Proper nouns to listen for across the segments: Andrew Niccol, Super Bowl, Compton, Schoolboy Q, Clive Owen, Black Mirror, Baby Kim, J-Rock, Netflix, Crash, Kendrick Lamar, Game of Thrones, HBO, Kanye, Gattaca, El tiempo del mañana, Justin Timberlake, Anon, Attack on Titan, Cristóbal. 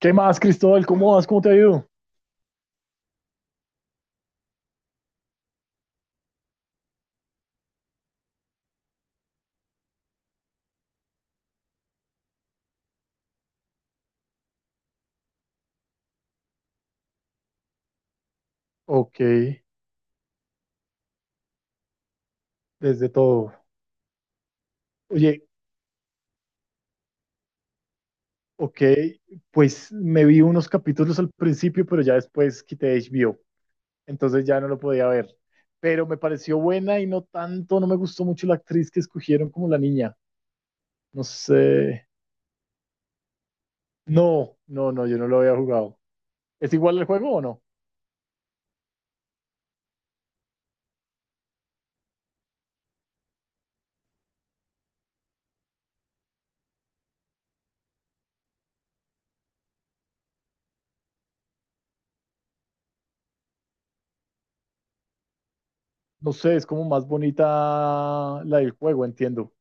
¿Qué más, Cristóbal? ¿Cómo vas? ¿Cómo te ha ido? Ok, desde todo. Oye, ok, pues me vi unos capítulos al principio, pero ya después quité HBO, entonces ya no lo podía ver. Pero me pareció buena y no tanto, no me gustó mucho la actriz que escogieron como la niña. No sé. No, no, no, yo no lo había jugado. ¿Es igual el juego o no? No sé, es como más bonita la del juego, entiendo. O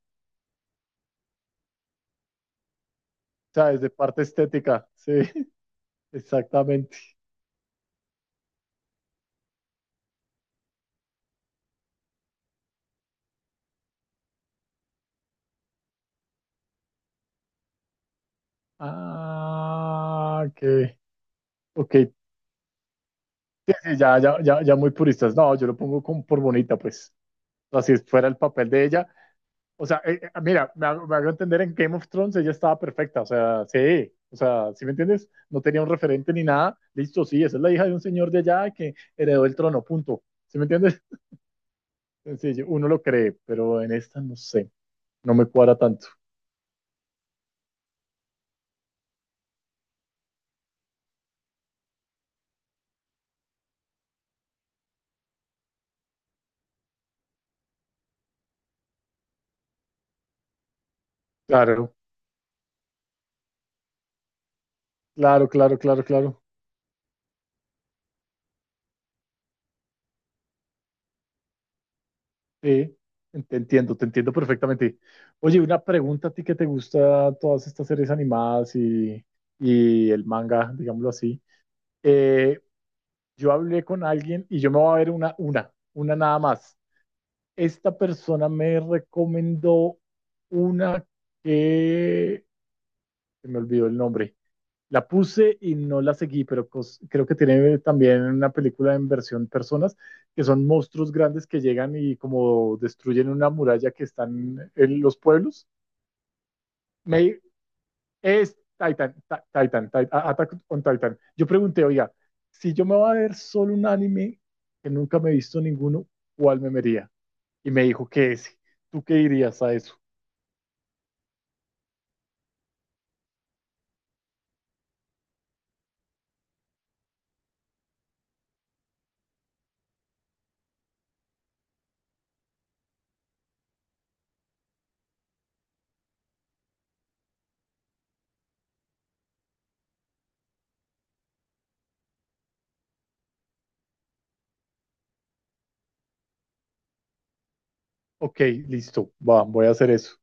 sea, desde parte estética, sí, exactamente. Ah, ok. Ok. Sí, sí, ya, ya, ya, ya muy puristas. No, yo lo pongo como por bonita, pues. O sea, si fuera el papel de ella. O sea, mira, me hago entender en Game of Thrones, ella estaba perfecta. O sea, sí. O sea, ¿sí me entiendes? No tenía un referente ni nada. Listo, sí, esa es la hija de un señor de allá que heredó el trono, punto. ¿Sí me entiendes? Sencillo, uno lo cree, pero en esta no sé. No me cuadra tanto. Claro, claro, claro, claro, claro. Sí, te entiendo perfectamente. Oye, una pregunta a ti que te gusta todas estas series animadas y el manga, digámoslo así. Eh, yo hablé con alguien y yo me voy a ver una nada más. Esta persona me recomendó una que se me olvidó el nombre, la puse y no la seguí, pero creo que tiene también una película en versión personas, que son monstruos grandes que llegan y como destruyen una muralla que están en los pueblos. Me, es Titan, Ta- Titan, Ti- A- Attack on Titan. Yo pregunté, oiga, si yo me voy a ver solo un anime que nunca me he visto ninguno, ¿cuál me vería? Y me dijo que ese. ¿Tú qué dirías a eso? Ok, listo, va, voy a hacer eso.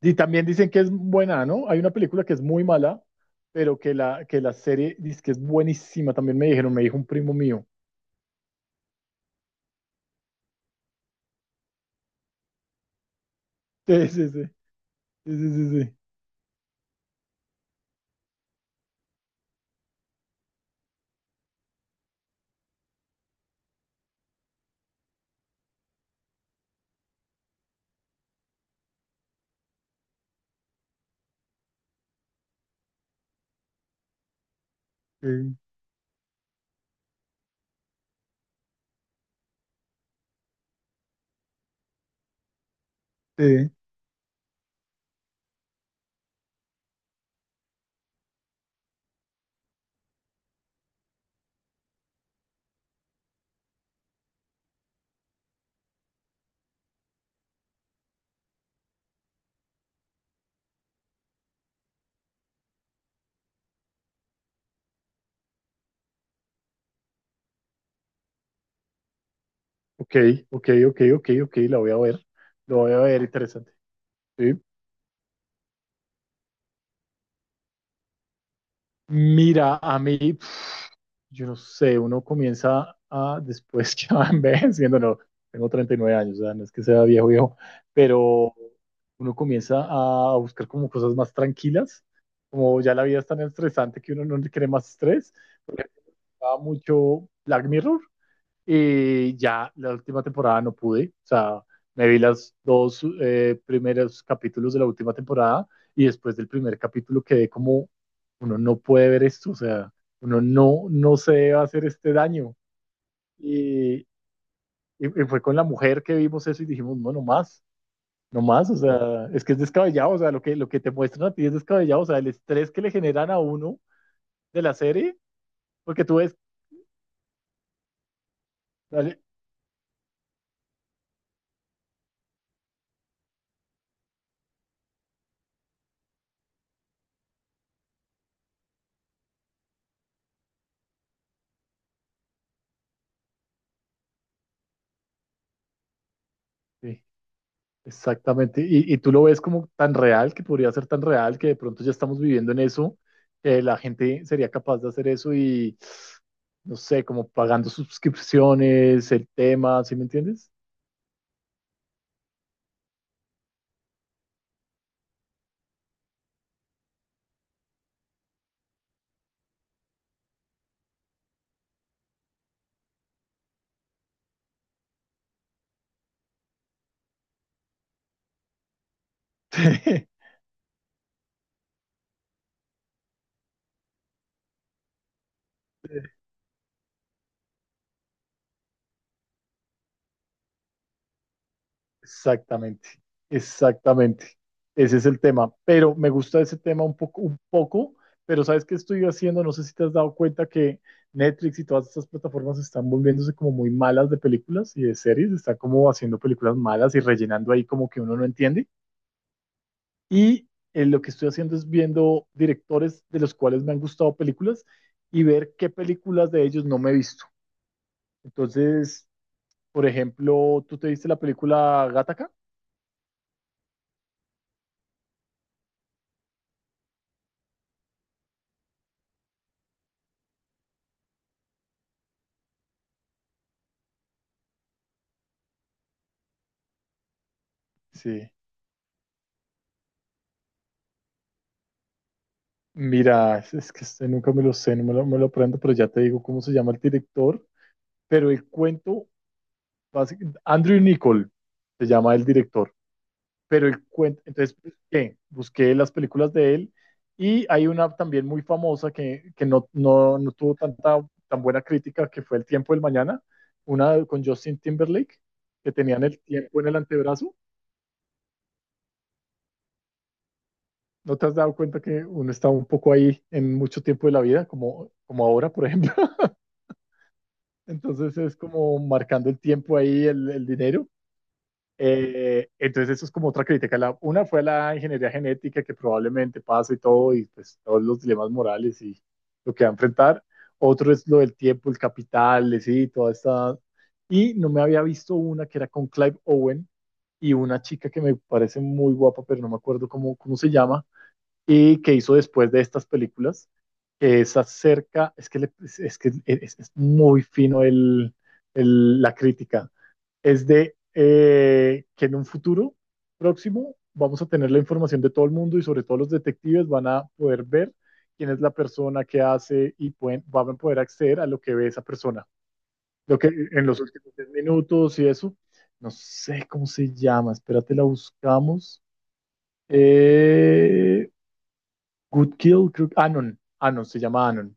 Y también dicen que es buena, ¿no? Hay una película que es muy mala, pero que la serie dice que es buenísima. También me dijeron, me dijo un primo mío. Sí, sí, sí, sí, sí, sí. Sí, sí. Sí. Ok, ok, ok, ok, ok, la voy a ver. Lo voy a ver, interesante. Sí. Mira, a mí, yo no sé, uno comienza a, después que va envejeciendo, no, tengo 39 años, o sea, no es que sea viejo, viejo, pero uno comienza a buscar como cosas más tranquilas, como ya la vida es tan estresante que uno no le quiere más estrés, va mucho Black Mirror, y ya la última temporada no pude, o sea, me vi las dos primeros capítulos de la última temporada y después del primer capítulo quedé como, uno no puede ver esto, o sea, uno no, no se debe hacer este daño. Y, y fue con la mujer que vimos eso y dijimos, no, no más, no más, o sea, es que es descabellado, o sea, lo que te muestran a ti es descabellado, o sea, el estrés que le generan a uno de la serie, porque tú ves, dale, sí, exactamente, y tú lo ves como tan real, que podría ser tan real, que de pronto ya estamos viviendo en eso, que la gente sería capaz de hacer eso y, no sé, como pagando suscripciones, el tema, ¿sí me entiendes? Exactamente, exactamente. Ese es el tema. Pero me gusta ese tema un poco, pero ¿sabes qué estoy haciendo? No sé si te has dado cuenta que Netflix y todas estas plataformas están volviéndose como muy malas de películas y de series, están como haciendo películas malas y rellenando ahí como que uno no entiende. Y lo que estoy haciendo es viendo directores de los cuales me han gustado películas y ver qué películas de ellos no me he visto. Entonces, por ejemplo, ¿tú te viste la película Gattaca? Sí. Mira, es que este nunca me lo sé, no me lo, me lo aprendo, pero ya te digo cómo se llama el director. Pero el cuento, Andrew Niccol se llama el director. Pero el cuento, entonces busqué las películas de él y hay una también muy famosa que, no tuvo tanta tan buena crítica que fue El tiempo del mañana, una con Justin Timberlake, que tenían el tiempo en el antebrazo. ¿No te has dado cuenta que uno está un poco ahí en mucho tiempo de la vida, como, como ahora, por ejemplo? Entonces es como marcando el tiempo ahí, el dinero. Entonces eso es como otra crítica. Una fue la ingeniería genética que probablemente pasa y todo, y pues todos los dilemas morales y lo que va a enfrentar. Otro es lo del tiempo, el capital, sí, toda esta... Y no me había visto una que era con Clive Owen y una chica que me parece muy guapa, pero no me acuerdo cómo, cómo se llama, y que hizo después de estas películas, que es acerca, es que, le- es, que es muy fino la crítica, es de que en un futuro próximo vamos a tener la información de todo el mundo y sobre todo los detectives van a poder ver quién es la persona que hace y pueden, van a poder acceder a lo que ve esa persona. Lo que en los últimos 10 minutos y eso, no sé cómo se llama, espérate, la buscamos. Eh, Good Kill, creo, Anon, se llama Anon.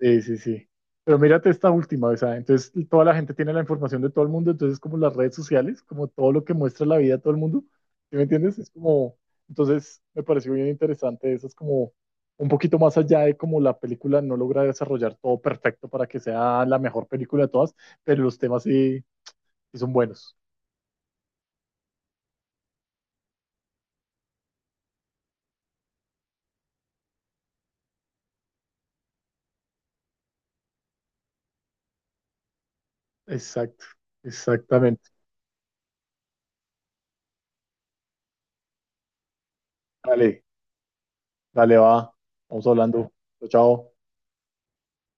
Sí, sí, sí. Pero mírate esta última, o sea, entonces toda la gente tiene la información de todo el mundo, entonces como las redes sociales, como todo lo que muestra la vida de todo el mundo, ¿sí me entiendes? Es como, entonces me pareció bien interesante, eso es como un poquito más allá de como la película no logra desarrollar todo perfecto para que sea la mejor película de todas, pero los temas sí, sí son buenos. Exacto, exactamente. Dale, dale, va, vamos hablando. Chao, chao.